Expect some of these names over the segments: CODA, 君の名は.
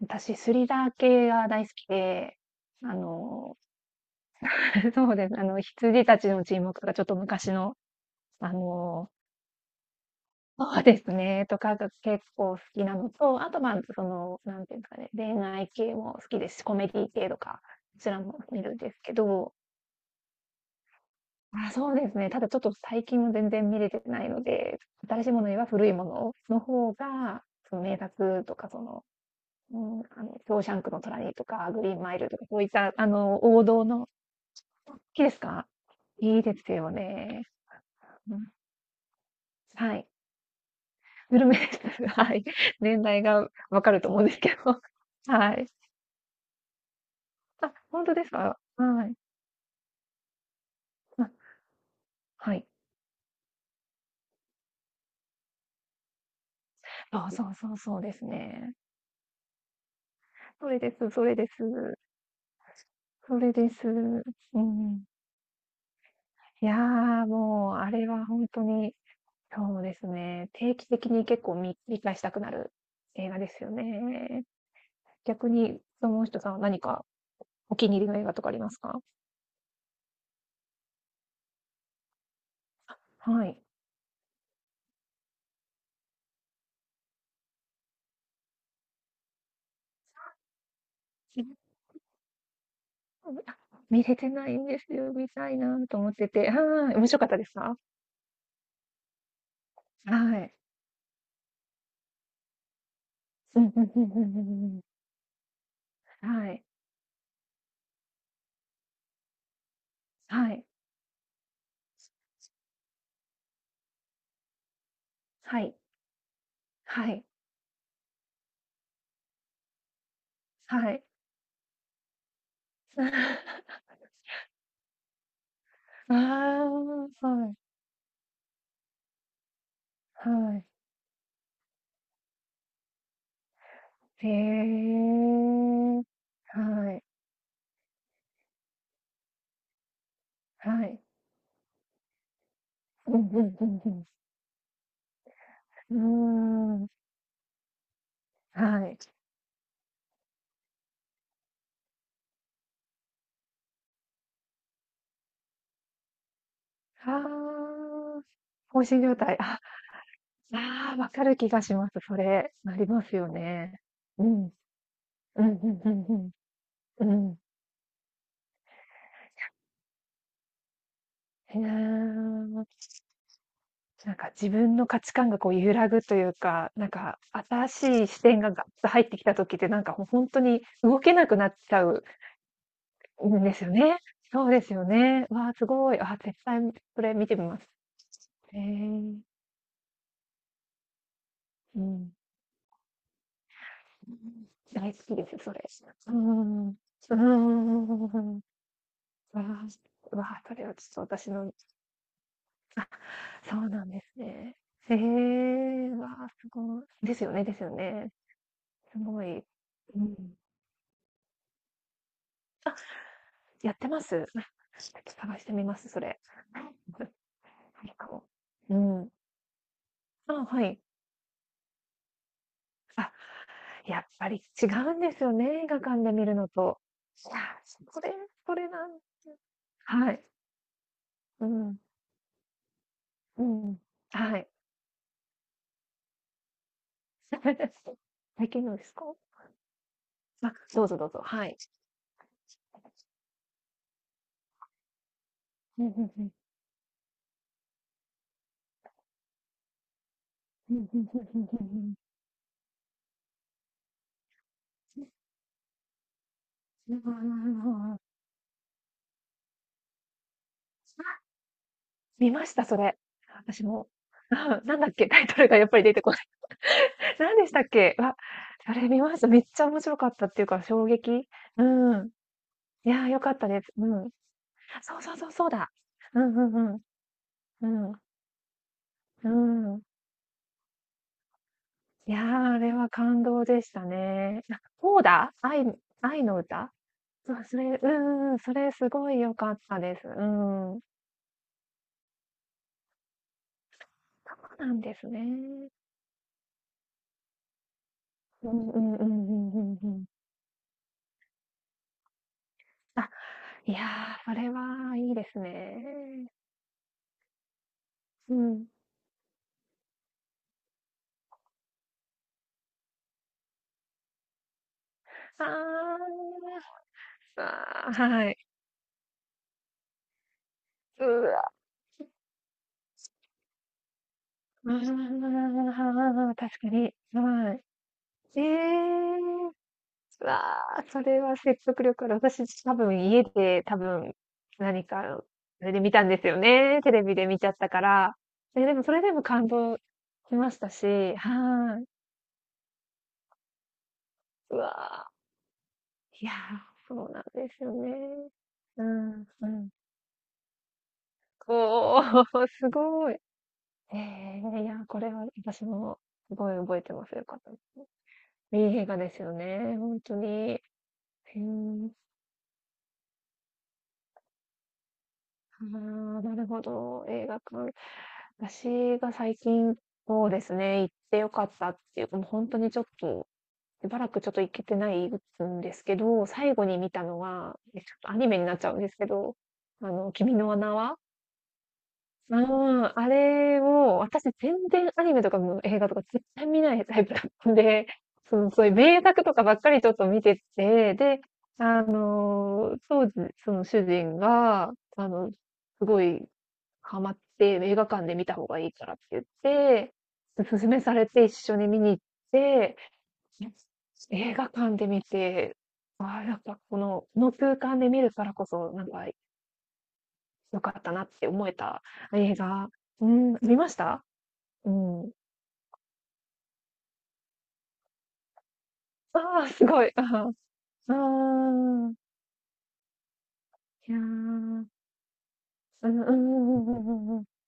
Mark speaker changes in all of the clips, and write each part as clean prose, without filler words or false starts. Speaker 1: 私、スリラー系が大好きで、あの、そうです、羊たちの沈黙とかちょっと昔の、あの、そうですね、とかが結構好きなのと、あと、まあ、その、なんていうんですかね、恋愛系も好きですし、コメディ系とか、そちらも見るんですけど、あ、そうですね、ただちょっと最近も全然見れてないので、新しいものよりは古いものの方が、その名作とかその、うん、ショーシャンクの虎にとか、グリーンマイルとか、そういった、王道の好きですか？いいですよね。うん。はい。グルメです。はい。年代が分かると思うんですけど。はい。あ、ほんとですか？はい。あ、はい。あ、そうそうそうですね。それです、それです。それです。うん。いや、もうあれはほんとに、そうですね、定期的に結構見返したくなる映画ですよね。逆に、その人さんは何かお気に入りの映画とかありますか？はい。うん、あ、見れてないんですよ。見たいなと思ってて。はい。面白かったですか？はい。うんうんうんうんうんうん、はい。はい。はい。はい。はい。ああ、はい。はい。へえ。はい。はい。うんうんうんうん。うーん。はい。ああ。放心状態。あ、ああ、分かる気がします、それ。なりますよね。うん。うんうんうんうん。うん。へえ。なんか自分の価値観がこう揺らぐというか、なんか新しい視点がガッと入ってきた時って、なんかもうほんとに動けなくなっちゃうんですよね。そうですよね。わあ、すごい。あ、絶対それ見てみます。へえ。うん。うん。大好きです、それ。うんうんうんうん。うんうんうんうんうん。わあ、わあ、それはちょっと私のそうなんですね。へえ、わあ、すごい。ですよね、ですよね。すごい。うん。やってます？ちょっと探してみます、それ。はいかも。うん。あ、はい。あ、やっぱり違うんですよね、映画館で見るのと。いや、それ、それなん、はい。うん。うんうん、はい。最近のですか？あ、どうぞどうぞ、はい。うん、うんうん。うん、うんうんうんうんうん。なあ、見ました、それ。私も。うん、なんだっけ、タイトルがやっぱり出てこ、何でしたっけ？わ、あれ見ました。めっちゃ面白かったっていうか、衝撃。うん。いや、良かったです。うん。そうそうそう、そうだ。うんうんうん。うん。うん。いや、あれは感動でしたね。あ、コーダ？愛、愛の歌？そう、それ、うんうんうん、それすごい良かったです。うん。そうなんですね。うんうんうんうんうんうん。あ、いや、それはいいですね。うん。ああ。ああ、はい。うわ。ああ、確かに。はい。ええ、うわあ、それは説得力ある。私多分家で多分、何か、それで見たんですよね。テレビで見ちゃったから。え、でもそれでも感動しましたし、はい。うわあ、いや、そうなんですよね。うん、うん。おお、すごい。ええ、いや、これは私もすごい覚えてます。よかったですね、いい映画ですよね、本当に。へん、あ、あ、なるほど、映画館。私が最近、そうですね、行ってよかったっていうもう本当にちょっと、しばらくちょっと行けてないんですけど、最後に見たのは、え、ちょっとアニメになっちゃうんですけど、君の名は？うーん、あれを、私全然アニメとかも映画とか絶対見ないタイプだったんで、その、そういう名作とかばっかりちょっと見てて、で、当時、その主人が、すごいハマって、映画館で見た方がいいからって言って、勧めされて一緒に見に行って、映画館で見て、ああ、やっぱこの、この空間で見るからこそ、なんか良かったなって思えた映画、うん、見ました？うん。ああ、すごい。ああー、いやー、うんうんうんうんうんうん。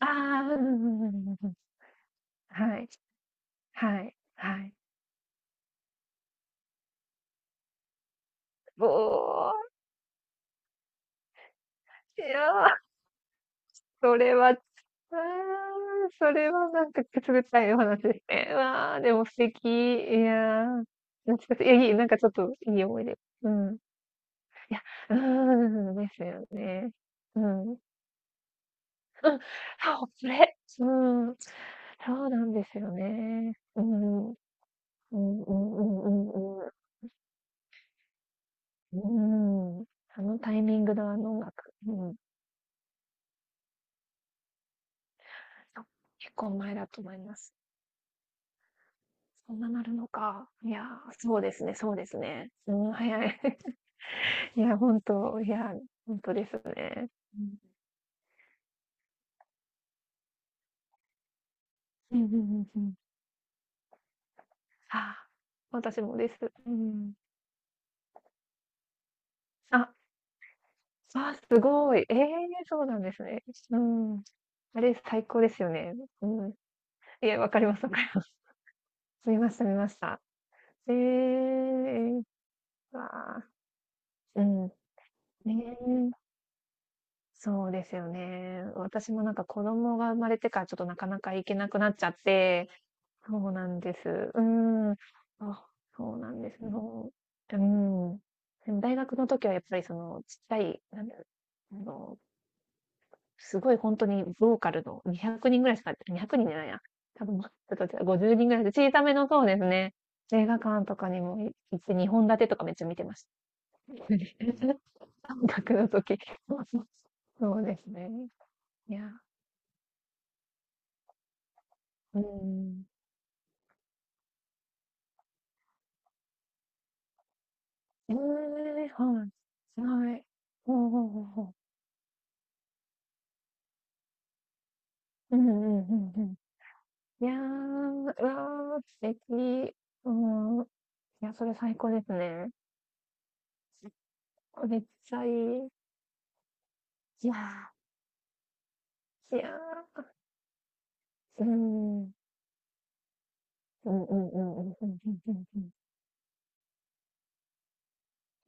Speaker 1: ああ、うんうんうんうんうん、はい。はい。はい。おお、いやー、それは、ああ、それはなんかくすぐったいお話ですね。わあ、でも素敵。いやー、懐かしい。いや、いい、なんかちょっといい思い出。うん。いや、うん、ですよね。うん。そう、それ、うん、そうなんですよね。うん、うんうんうんうんうん。うん。あのタイミングのあの音楽、うん。そう、結構前だと思います。そんななるのか。いやー、そうですね、そうですね。うん、早い。いや、ほんと、いや、ほんとですね。うん。うんうんうんうん。あー、私もです。うん。あ、あ、すごい。ええ、そうなんですね。うん。あれ最高ですよね。うん。いや、わかります、わかります。見ました、見ました。ええ、わあ、うん、ねえ、そうですよね。私もなんか子供が生まれてからちょっとなかなか行けなくなっちゃって、そうなんです。うん。あ、そうなんです。そう、うん。でも大学の時はやっぱりそのちっちゃい、なんだろう、すごい本当にローカルの200人ぐらいしか、200人じゃないな。多分もっと違う、50人ぐらいで、小さめのそうですね、映画館とかにもい行って2本立てとかめっちゃ見てました。3泊の時。そうそう、ですね。いや、うーん。ええ、はい。はい。ほうほうほうほう。うんうんうんうん。いやー、うわー、素敵。うん。いや、それ最高ですね。これ、っちゃい。いやー、いや。うーん。うんうんうんうん。うんうんうんうん。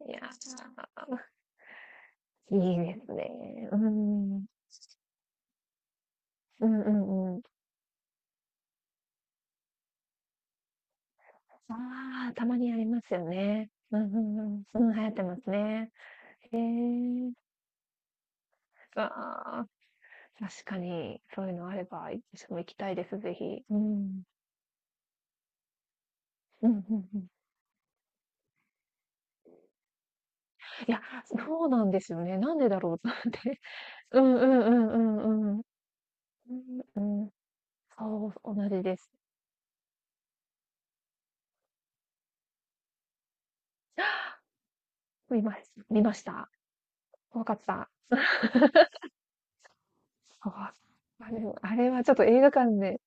Speaker 1: いやー、いいですね。うん。うんうんうん。ああ、たまにありますよね。うんうんうん。うん、流行ってますね。へえ。わあ、確かにそういうのあれば、私も行きたいです、ぜひ。うん。うん、うんうん。いや、そうなんですよね。なんでだろうと思って。うんうんうんうんうん。うん、うん。そう、同じです。見まし見ました。怖かった。ああ、あれ、あれはちょっと映画館で、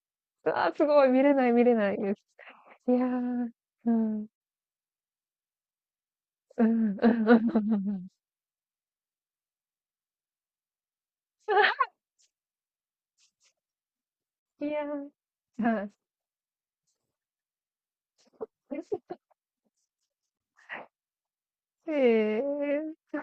Speaker 1: うわー、すごい、見れない、見れないです。いやー、うん、うん、うん、うんうんうんうん。いやー、はい。ええ。